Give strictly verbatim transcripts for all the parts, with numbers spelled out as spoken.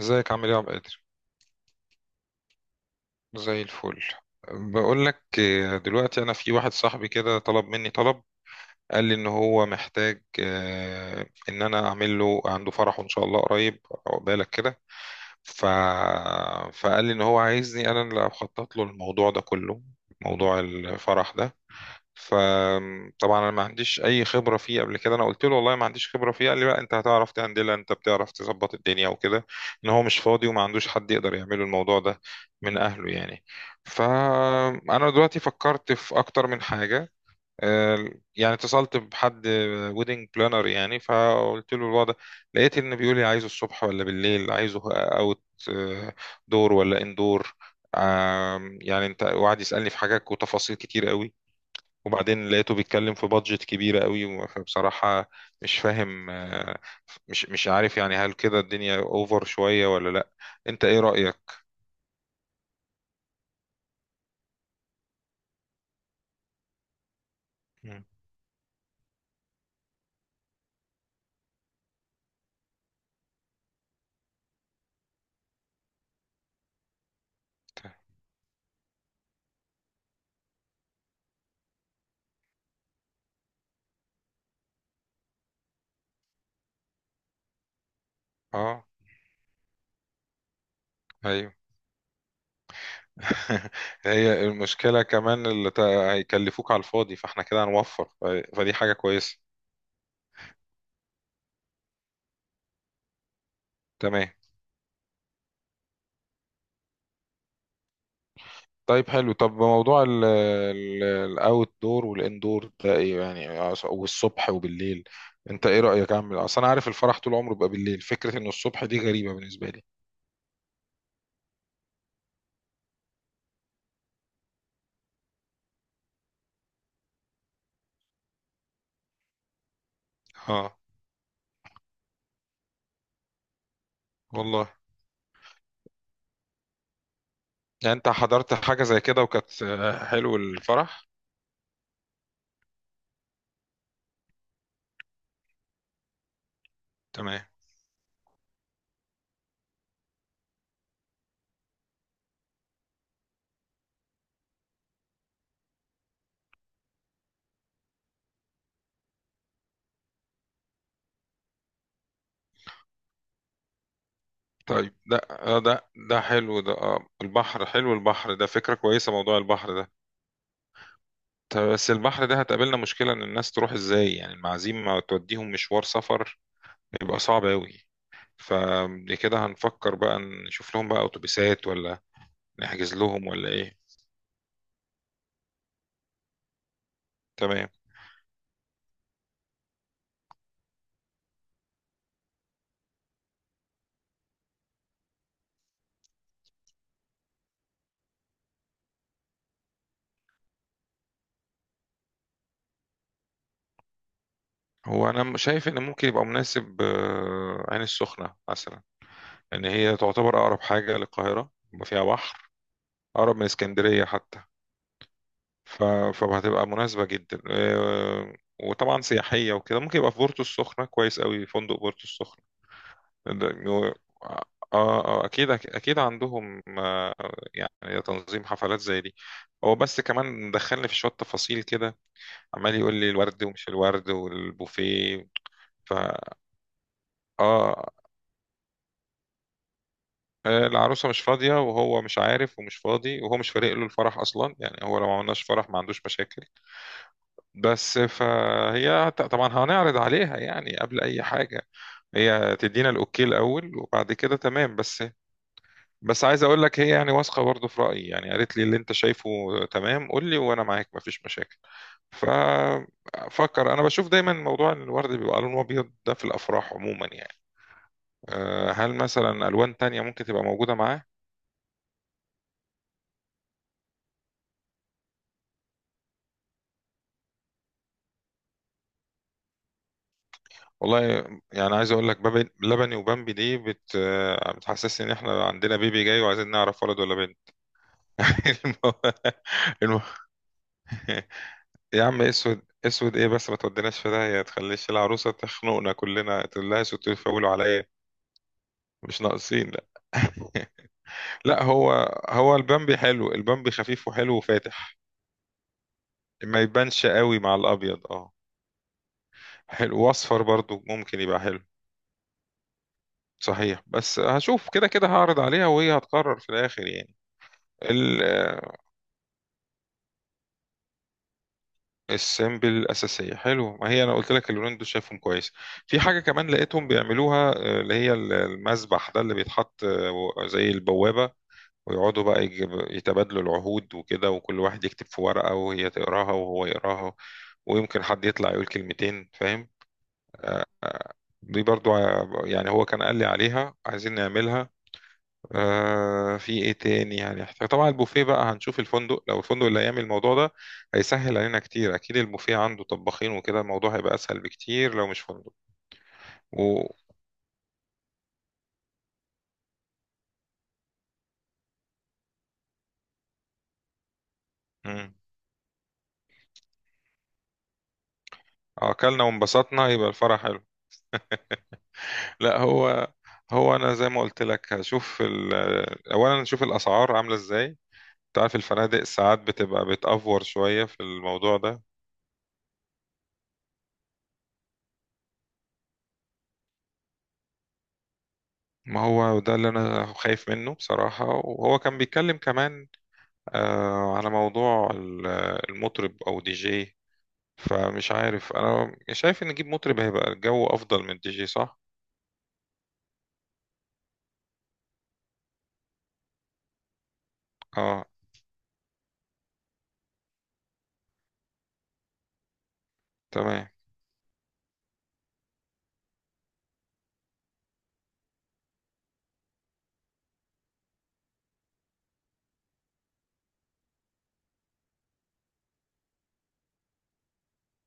ازيك عامل ايه يا عبد القادر؟ زي الفل. بقول لك، آه، دلوقتي انا في واحد صاحبي كده طلب مني طلب. قال لي ان هو محتاج، آه، ان انا اعمل له عنده فرحه ان شاء الله قريب. عقبالك كده. ف... فقال لي ان هو عايزني انا اللي اخطط له الموضوع ده كله، موضوع الفرح ده. فطبعا انا ما عنديش اي خبره فيه قبل كده، انا قلت له والله ما عنديش خبره فيه، قال لي لا انت هتعرف تهندلها، انت بتعرف تظبط الدنيا وكده. ان هو مش فاضي وما عندوش حد يقدر يعمله الموضوع ده، من اهله يعني. فانا دلوقتي فكرت في اكتر من حاجه. آه، يعني اتصلت بحد ويدنج بلانر يعني، فقلت له الوضع. لقيت ان بيقول لي عايزه الصبح ولا بالليل، عايزه اوت دور ولا اندور. آم، يعني انت وقعد يسالني في حاجات وتفاصيل كتير قوي. وبعدين لقيته بيتكلم في بادجت كبيرة قوي، فبصراحة مش فاهم. آه، مش مش عارف يعني، هل كده الدنيا اوفر شوية ولا لا؟ انت ايه رأيك؟ مم. اه، ايوه. هي المشكلة كمان اللي تا- هيكلفوك على الفاضي، فاحنا كده هنوفر. ف- فدي حاجة كويسة. تمام. طيب حلو، طب موضوع ال ال- الاوت دور والان دور ده ايه يعني؟ أص- والصبح وبالليل، انت ايه رأيك؟ اعمل اصل انا عارف الفرح طول عمره بيبقى بالليل، فكرة انه الصبح دي غريبة بالنسبة لي. اه والله، يعني انت حضرت حاجة زي كده وكانت، آه، حلو الفرح؟ تمام. طيب ده، آه، ده ده حلو ده، آه، البحر، حلو البحر ده، فكرة كويسة موضوع البحر ده. طيب بس البحر ده هتقابلنا مشكلة، ان الناس تروح ازاي؟ يعني المعازيم ما توديهم مشوار سفر، يبقى صعب اوي. فكده هنفكر بقى، نشوف لهم بقى اتوبيسات ولا نحجز لهم ولا ايه. تمام. هو انا شايف ان ممكن يبقى مناسب، آه، عين السخنة مثلا. ان هي تعتبر اقرب حاجه للقاهره، فيها بحر، اقرب من اسكندريه حتى. ف... فهتبقى مناسبه جدا. آه، وطبعا سياحيه وكده، ممكن يبقى في بورتو السخنه كويس قوي، فندق بورتو السخنه. ده- و- اه. آه، اكيد اكيد عندهم، آه، يعني تنظيم حفلات زي دي. هو بس كمان دخلني في شويه تفاصيل كده، عمال يقول لي الورد ومش الورد والبوفيه. فا اه. آه، العروسة مش فاضية وهو مش عارف ومش فاضي، وهو مش فارق له الفرح أصلا يعني، هو لو ما عملناش فرح ما عندوش مشاكل. بس فهي، ت- طبعا هنعرض عليها يعني قبل أي حاجة، هي تدينا الأوكي الأول وبعد كده تمام بس. بس عايز أقول لك هي يعني واثقة برضه في رأيي، يعني قالت لي اللي أنت شايفه تمام، قول لي وأنا معاك مفيش مشاكل. ففكر أنا، بشوف دايما موضوع إن الورد بيبقى لونه أبيض ده في الأفراح عموما يعني، آه، هل مثلا ألوان تانية ممكن تبقى موجودة معاه؟ والله يعني عايز اقول لك، بابي لبني وبامبي دي بت آه، بتحسسني ان احنا عندنا بيبي جاي وعايزين نعرف ولد ولا بنت. المو... المو... يا عم، اسود اسود ايه بس، ما توديناش في داهيه، تخليش العروسه تخنقنا كلنا، تقول لها سوتوا تفولوا عليا. مش ناقصين لا. لا هو، هو البامبي حلو، البامبي خفيف وحلو وفاتح، ما يبانش قوي مع الابيض، اه. حلو، واصفر برضو ممكن يبقى حلو. صحيح بس هشوف، كده كده هعرض عليها وهي هتقرر في الاخر يعني. ال- آه، السيمبل الأساسية حلو، ما هي أنا قلت لك اللونين دول شايفهم كويس. في حاجة كمان لقيتهم بيعملوها، آه، اللي هي ال- المذبح ده اللي بيتحط، آه، زي البوابة، ويقعدوا بقى يجيب- يتبادلوا العهود وكده، وكل واحد يكتب في ورقة وهي تقراها وهو يقراها، ويمكن حد يطلع يقول كلمتين فاهم. دي برضو، ع- يعني هو كان قال لي عليها عايزين نعملها. آه في ايه تاني يعني احتاج؟ طبعا البوفيه بقى هنشوف الفندق، لو الفندق اللي هيعمل الموضوع ده هيسهل علينا كتير، اكيد البوفيه عنده طباخين وكده، الموضوع هيبقى اسهل بكتير لو مش فندق. و مم. آه، اكلنا وانبسطنا يبقى الفرح حلو. لا هو، هو انا زي ما قلت لك هشوف ال... اولا نشوف الاسعار عامله ازاي، انت عارف الفنادق ساعات بتبقى بتأفور شويه في الموضوع ده. ما هو ده اللي انا خايف منه بصراحه. وهو كان بيتكلم كمان، آه، على موضوع ال- المطرب او دي جي. فمش عارف، انا شايف ان نجيب مطرب هيبقى الجو افضل من دي جي، صح؟ اه، تمام،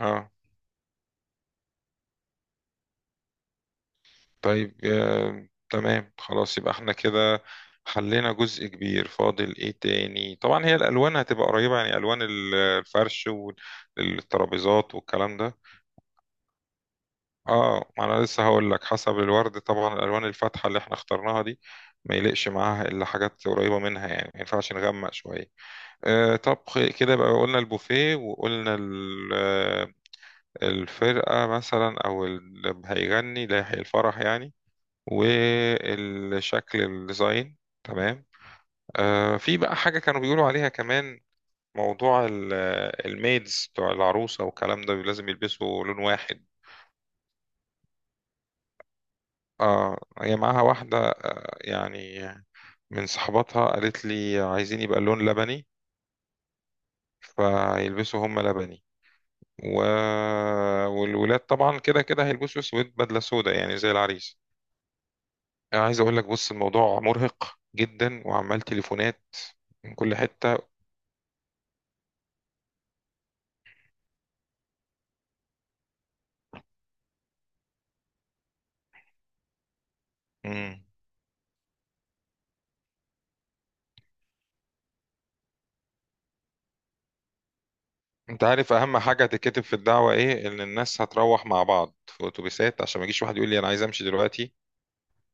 اه. طيب، آه، تمام خلاص، يبقى احنا كده حلينا جزء كبير. فاضل ايه تاني؟ طبعا هي الالوان هتبقى قريبة يعني، الوان ال- الفرش والترابيزات والكلام ده. اه، ما انا لسه هقول لك، حسب الورد طبعا، الالوان الفاتحة اللي احنا اخترناها دي ما يليقش معاها الا حاجات قريبة منها يعني، ما ينفعش نغمق شوية. آه، طب خ- كده بقى قلنا البوفيه، وقلنا ال- آه، الفرقة مثلا، أو اللي هيغني اللي هيحيي الفرح يعني، والشكل الديزاين. تمام. آه، في بقى حاجة كانوا بيقولوا عليها كمان، موضوع ال- آه، الميدز بتوع العروسة والكلام ده، لازم يلبسوا لون واحد. اه، هي معاها واحدة يعني من صحباتها، قالت لي عايزين يبقى اللون لبني، فيلبسوا هم لبني. و... والولاد طبعا كده كده هيلبسوا اسود، بدله سودا يعني زي العريس. انا عايز اقول لك بص، الموضوع مرهق جدا، وعمال تليفونات من كل حته. مم. انت عارف اهم حاجه تتكتب في الدعوه ايه؟ ان الناس هتروح مع بعض في اتوبيسات، عشان ما يجيش واحد يقول لي انا عايز امشي دلوقتي،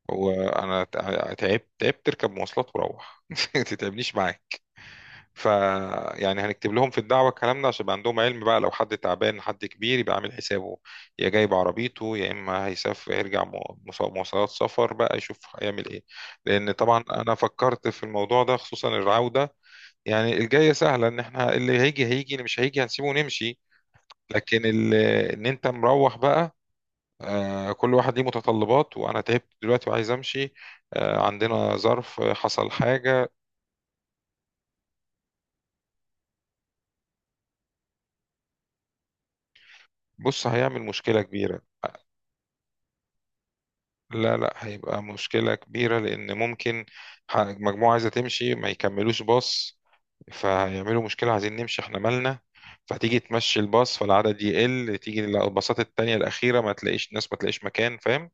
وانا تع- تعبت تعبت تركب مواصلات وروح، ما تتعبنيش معاك. ف يعني هنكتب لهم في الدعوة الكلام ده، عشان يبقى عندهم علم بقى، لو حد تعبان حد كبير يبقى عامل حسابه، يا جايب عربيته يا إما هيسافر يرجع مو- مص- مواصلات، سفر بقى يشوف هيعمل إيه. لأن طبعا أنا فكرت في الموضوع ده، خصوصا العودة، يعني الجاية سهلة، إن إحنا اللي هيجي هيجي اللي مش هيجي هنسيبه ونمشي. لكن ال- إن أنت مروح بقى، آه، كل واحد ليه متطلبات، وأنا تعبت دلوقتي وعايز أمشي، آه، عندنا ظرف، آه، حصل حاجة. بص هيعمل مشكلة كبيرة، لا لا، هيبقى مشكلة كبيرة، لأن ممكن ح- مجموعة عايزة تمشي ما يكملوش باص، فهيعملوا مشكلة، عايزين نمشي احنا مالنا. فتيجي تمشي الباص، فالعدد يقل، تيجي الباصات التانية الأخيرة ما تلاقيش ناس، ما تلاقيش مكان، فاهم؟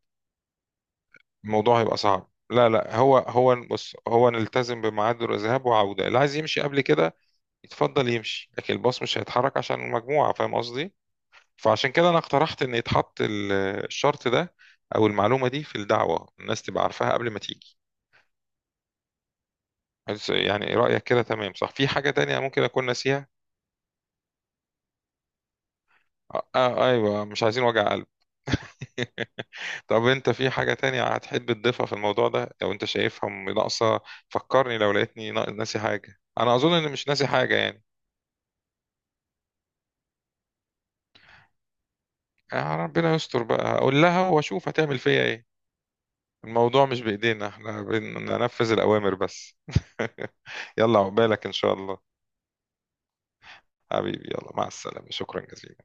الموضوع هيبقى صعب. لا لا، هو هو، بص، هو نلتزم بميعاد الذهاب وعودة، اللي عايز يمشي قبل كده يتفضل يمشي، لكن الباص مش هيتحرك عشان المجموعة، فاهم قصدي؟ فعشان كده أنا اقترحت إن يتحط ال- الشرط ده، أو المعلومة دي في الدعوة، الناس تبقى عارفاها قبل ما تيجي. بس يعني رأيك كده تمام، صح؟ في حاجة تانية ممكن أكون ناسيها؟ آه، آه، أيوة، مش عايزين وجع قلب. طب أنت في حاجة تانية هتحب تضيفها في الموضوع ده لو أنت شايفها م- ناقصة؟ فكرني لو لقيتني نا- ناسي حاجة، أنا أظن إن مش ناسي حاجة يعني. آه، ربنا يستر بقى، هقول لها وأشوف هتعمل فيا إيه. الموضوع مش بإيدينا، إحنا بننفذ الأوامر بس. يلا، عقبالك إن شاء الله. حبيبي، يلا مع السلامة، شكرا جزيلا.